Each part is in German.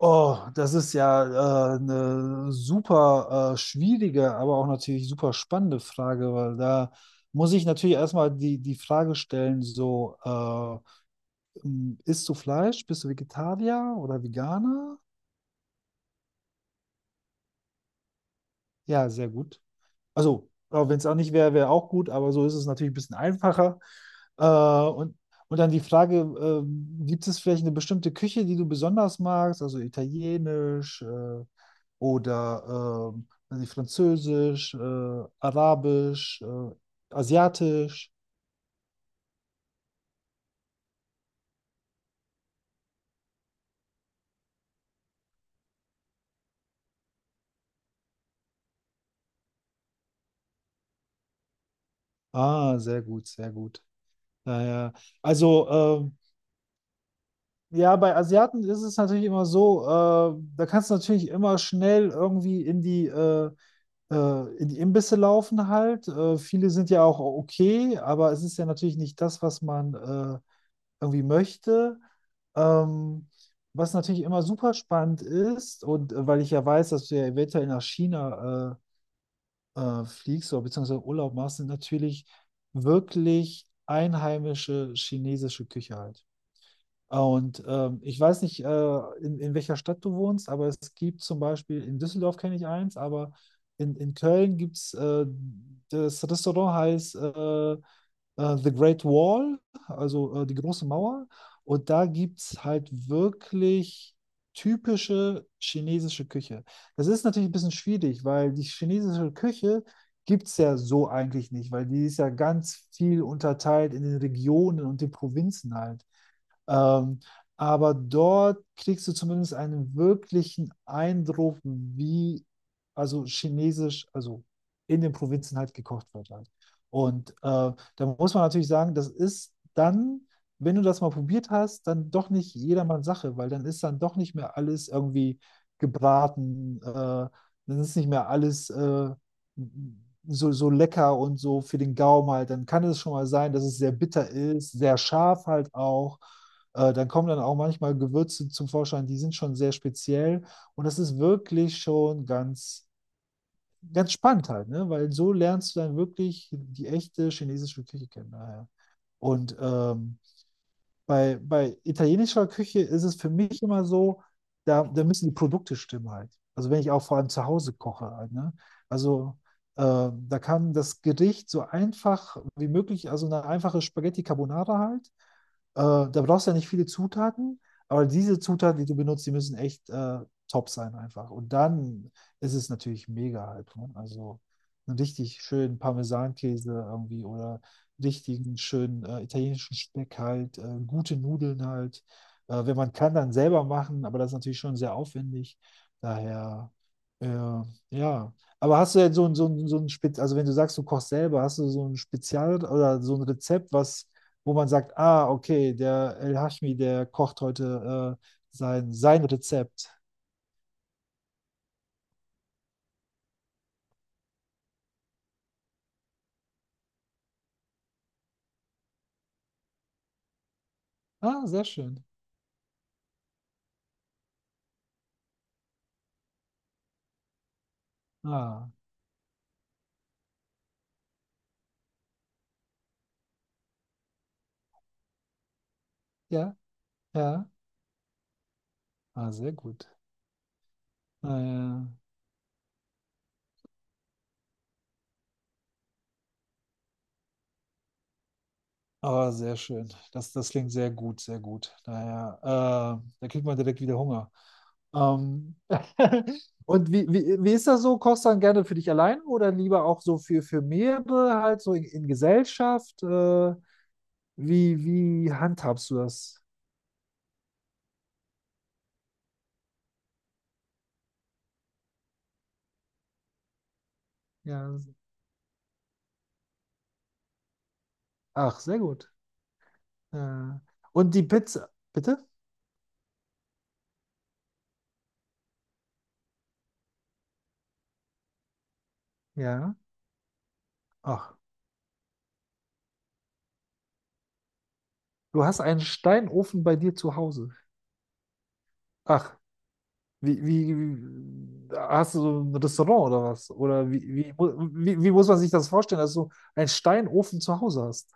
Oh, das ist ja eine super schwierige, aber auch natürlich super spannende Frage, weil da muss ich natürlich erstmal die Frage stellen, so, isst du Fleisch? Bist du Vegetarier oder Veganer? Ja, sehr gut. Also, wenn es auch nicht wäre, wäre auch gut, aber so ist es natürlich ein bisschen einfacher. Äh, und, und dann die Frage, gibt es vielleicht eine bestimmte Küche, die du besonders magst? Also italienisch oder weiß nicht, französisch, arabisch, asiatisch. Ah, sehr gut, sehr gut. Naja, also ja, bei Asiaten ist es natürlich immer so, da kannst du natürlich immer schnell irgendwie in die Imbisse laufen halt. Viele sind ja auch okay, aber es ist ja natürlich nicht das, was man irgendwie möchte. Ähm, was natürlich immer super spannend ist, und weil ich ja weiß, dass du ja eventuell nach China fliegst oder beziehungsweise Urlaub machst, sind natürlich wirklich einheimische chinesische Küche halt. Und ich weiß nicht, in welcher Stadt du wohnst, aber es gibt zum Beispiel, in Düsseldorf kenne ich eins, aber in Köln gibt es, das Restaurant heißt äh, The Great Wall, also die große Mauer. Und da gibt es halt wirklich typische chinesische Küche. Das ist natürlich ein bisschen schwierig, weil die chinesische Küche gibt es ja so eigentlich nicht, weil die ist ja ganz viel unterteilt in den Regionen und den Provinzen halt. Ähm, aber dort kriegst du zumindest einen wirklichen Eindruck, wie also chinesisch, also in den Provinzen halt gekocht wird halt. Und da muss man natürlich sagen, das ist dann, wenn du das mal probiert hast, dann doch nicht jedermanns Sache, weil dann ist dann doch nicht mehr alles irgendwie gebraten, dann ist nicht mehr alles so, so lecker und so für den Gaumen halt. Dann kann es schon mal sein, dass es sehr bitter ist, sehr scharf halt auch. Dann kommen dann auch manchmal Gewürze zum Vorschein, die sind schon sehr speziell und das ist wirklich schon ganz, ganz spannend halt, ne? Weil so lernst du dann wirklich die echte chinesische Küche kennen. Daher. Und bei italienischer Küche ist es für mich immer so, da müssen die Produkte stimmen halt. Also wenn ich auch vor allem zu Hause koche halt, ne? Also da kann das Gericht so einfach wie möglich, also eine einfache Spaghetti Carbonara halt. Da brauchst du ja nicht viele Zutaten, aber diese Zutaten, die du benutzt, die müssen echt top sein einfach. Und dann ist es natürlich mega halt. Ne? Also einen richtig schönen Parmesankäse irgendwie oder richtigen, schönen italienischen Speck halt, gute Nudeln halt. Wenn man kann, dann selber machen, aber das ist natürlich schon sehr aufwendig. Daher, äh, ja. Aber hast du denn so ein, so ein, so ein Spez also wenn du sagst, du kochst selber, hast du so ein Spezial oder so ein Rezept, was, wo man sagt, ah, okay, der El Hashmi, der kocht heute sein, sein Rezept. Ah, sehr schön. Ah, ja, ja. Ah, sehr gut. Ah, ja. Ah, sehr schön. Das, das klingt sehr gut, sehr gut. Daher, da kriegt man direkt wieder Hunger. Ähm, und wie, wie, wie ist das so? Kochst du dann gerne für dich allein oder lieber auch so für mehrere, halt so in Gesellschaft? Wie, wie handhabst du das? Ja. Ach, sehr gut. Äh, und die Pizza, bitte? Ja. Ach, du hast einen Steinofen bei dir zu Hause. Ach, wie, wie, hast du so ein Restaurant oder was? Oder wie, wie, wie, wie muss man sich das vorstellen, dass du einen Steinofen zu Hause hast?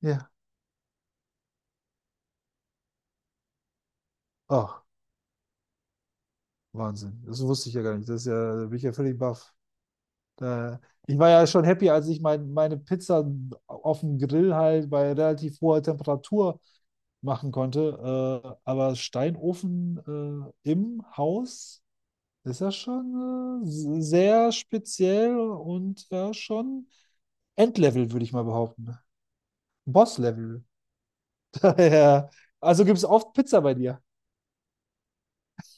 Ja. Ach, Wahnsinn. Das wusste ich ja gar nicht. Das ist ja, da bin ich ja völlig baff. Da, ich war ja schon happy, als ich meine Pizza auf dem Grill halt bei relativ hoher Temperatur machen konnte. Aber Steinofen im Haus ist ja schon sehr speziell und ja schon Endlevel, würde ich mal behaupten. Boss-Level. Ja. Also gibt es oft Pizza bei dir.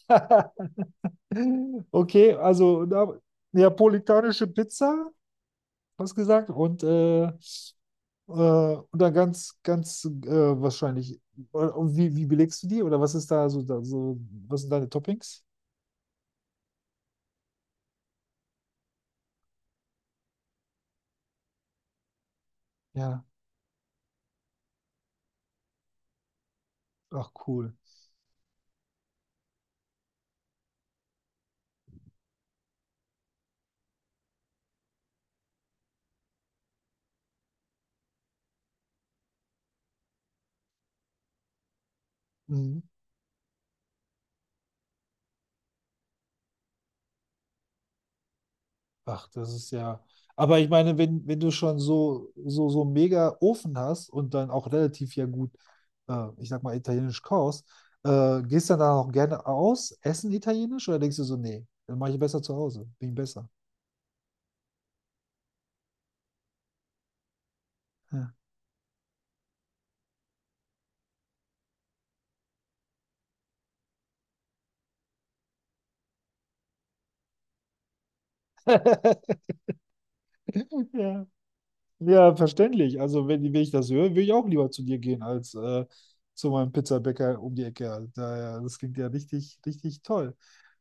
Okay, also na, neapolitanische Pizza, hast gesagt, und dann ganz, ganz wahrscheinlich. Und wie, wie belegst du die? Oder was ist da so, da so, was sind deine Toppings? Ja, ach cool. Mhm. Ach, das ist ja. Aber ich meine, wenn, wenn du schon so, so, so einen mega Ofen hast und dann auch relativ ja gut, ich sag mal, italienisch kochst, gehst dann da auch gerne aus, essen italienisch oder denkst du so, nee, dann mache ich besser zu Hause, bin ich besser. Ja. Ja. Ja, verständlich. Also, wenn, wenn ich das höre, will ich auch lieber zu dir gehen als zu meinem Pizzabäcker um die Ecke. Daher, das klingt ja richtig, richtig toll.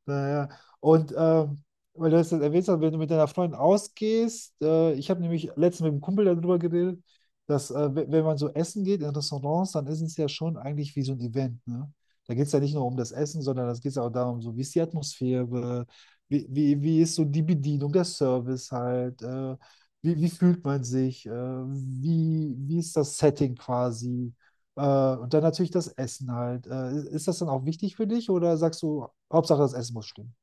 Naja, und weil du das jetzt erwähnt hast, wenn du mit deiner Freundin ausgehst, ich habe nämlich letztens mit einem Kumpel darüber geredet, dass wenn man so essen geht in Restaurants, dann ist es ja schon eigentlich wie so ein Event, ne? Da geht es ja nicht nur um das Essen, sondern es geht auch darum, so wie ist die Atmosphäre, wie, wie, wie ist so die Bedienung, der Service halt, wie, wie fühlt man sich, wie, wie ist das Setting quasi. Äh, und dann natürlich das Essen halt. Ist das dann auch wichtig für dich oder sagst du, Hauptsache das Essen muss stimmen?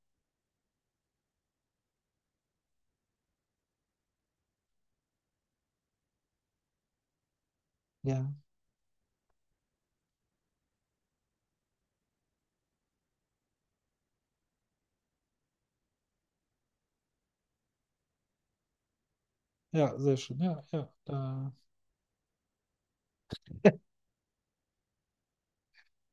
Ja, ja, sehr schön. Ja, ja. Da.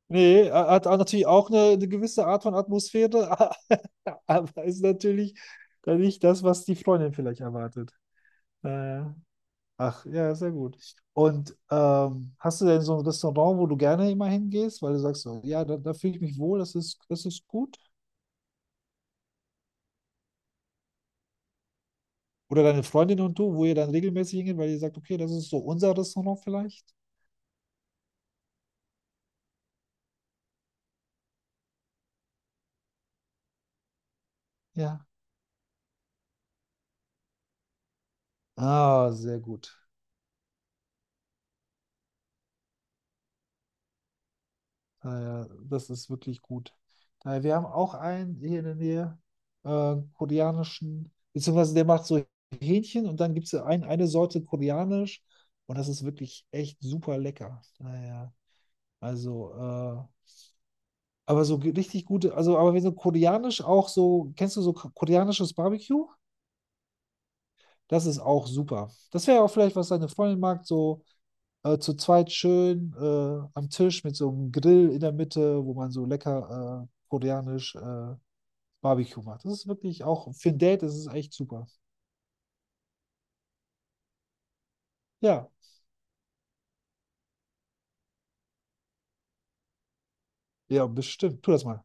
Nee, hat auch natürlich auch eine gewisse Art von Atmosphäre, aber ist natürlich dann nicht das, was die Freundin vielleicht erwartet. Naja. Ach, ja, sehr gut. Und hast du denn so ein Restaurant, wo du gerne immer hingehst, weil du sagst so, ja, da fühle ich mich wohl, das ist gut? Oder deine Freundin und du, wo ihr dann regelmäßig hingeht, weil ihr sagt, okay, das ist so unser Restaurant vielleicht. Ja. Ah, sehr gut. Naja, das ist wirklich gut. Daher, wir haben auch einen hier in der Nähe, koreanischen, beziehungsweise der macht so Hähnchen und dann gibt es eine Sorte koreanisch und das ist wirklich echt super lecker. Naja, also, aber so richtig gute, also, aber wir sind koreanisch auch so, kennst du so koreanisches Barbecue? Das ist auch super. Das wäre auch vielleicht, was deine Freundin mag, so zu zweit schön am Tisch mit so einem Grill in der Mitte, wo man so lecker koreanisch Barbecue macht. Das ist wirklich auch für ein Date, das ist echt super. Ja, ja, bestimmt. Tu das mal.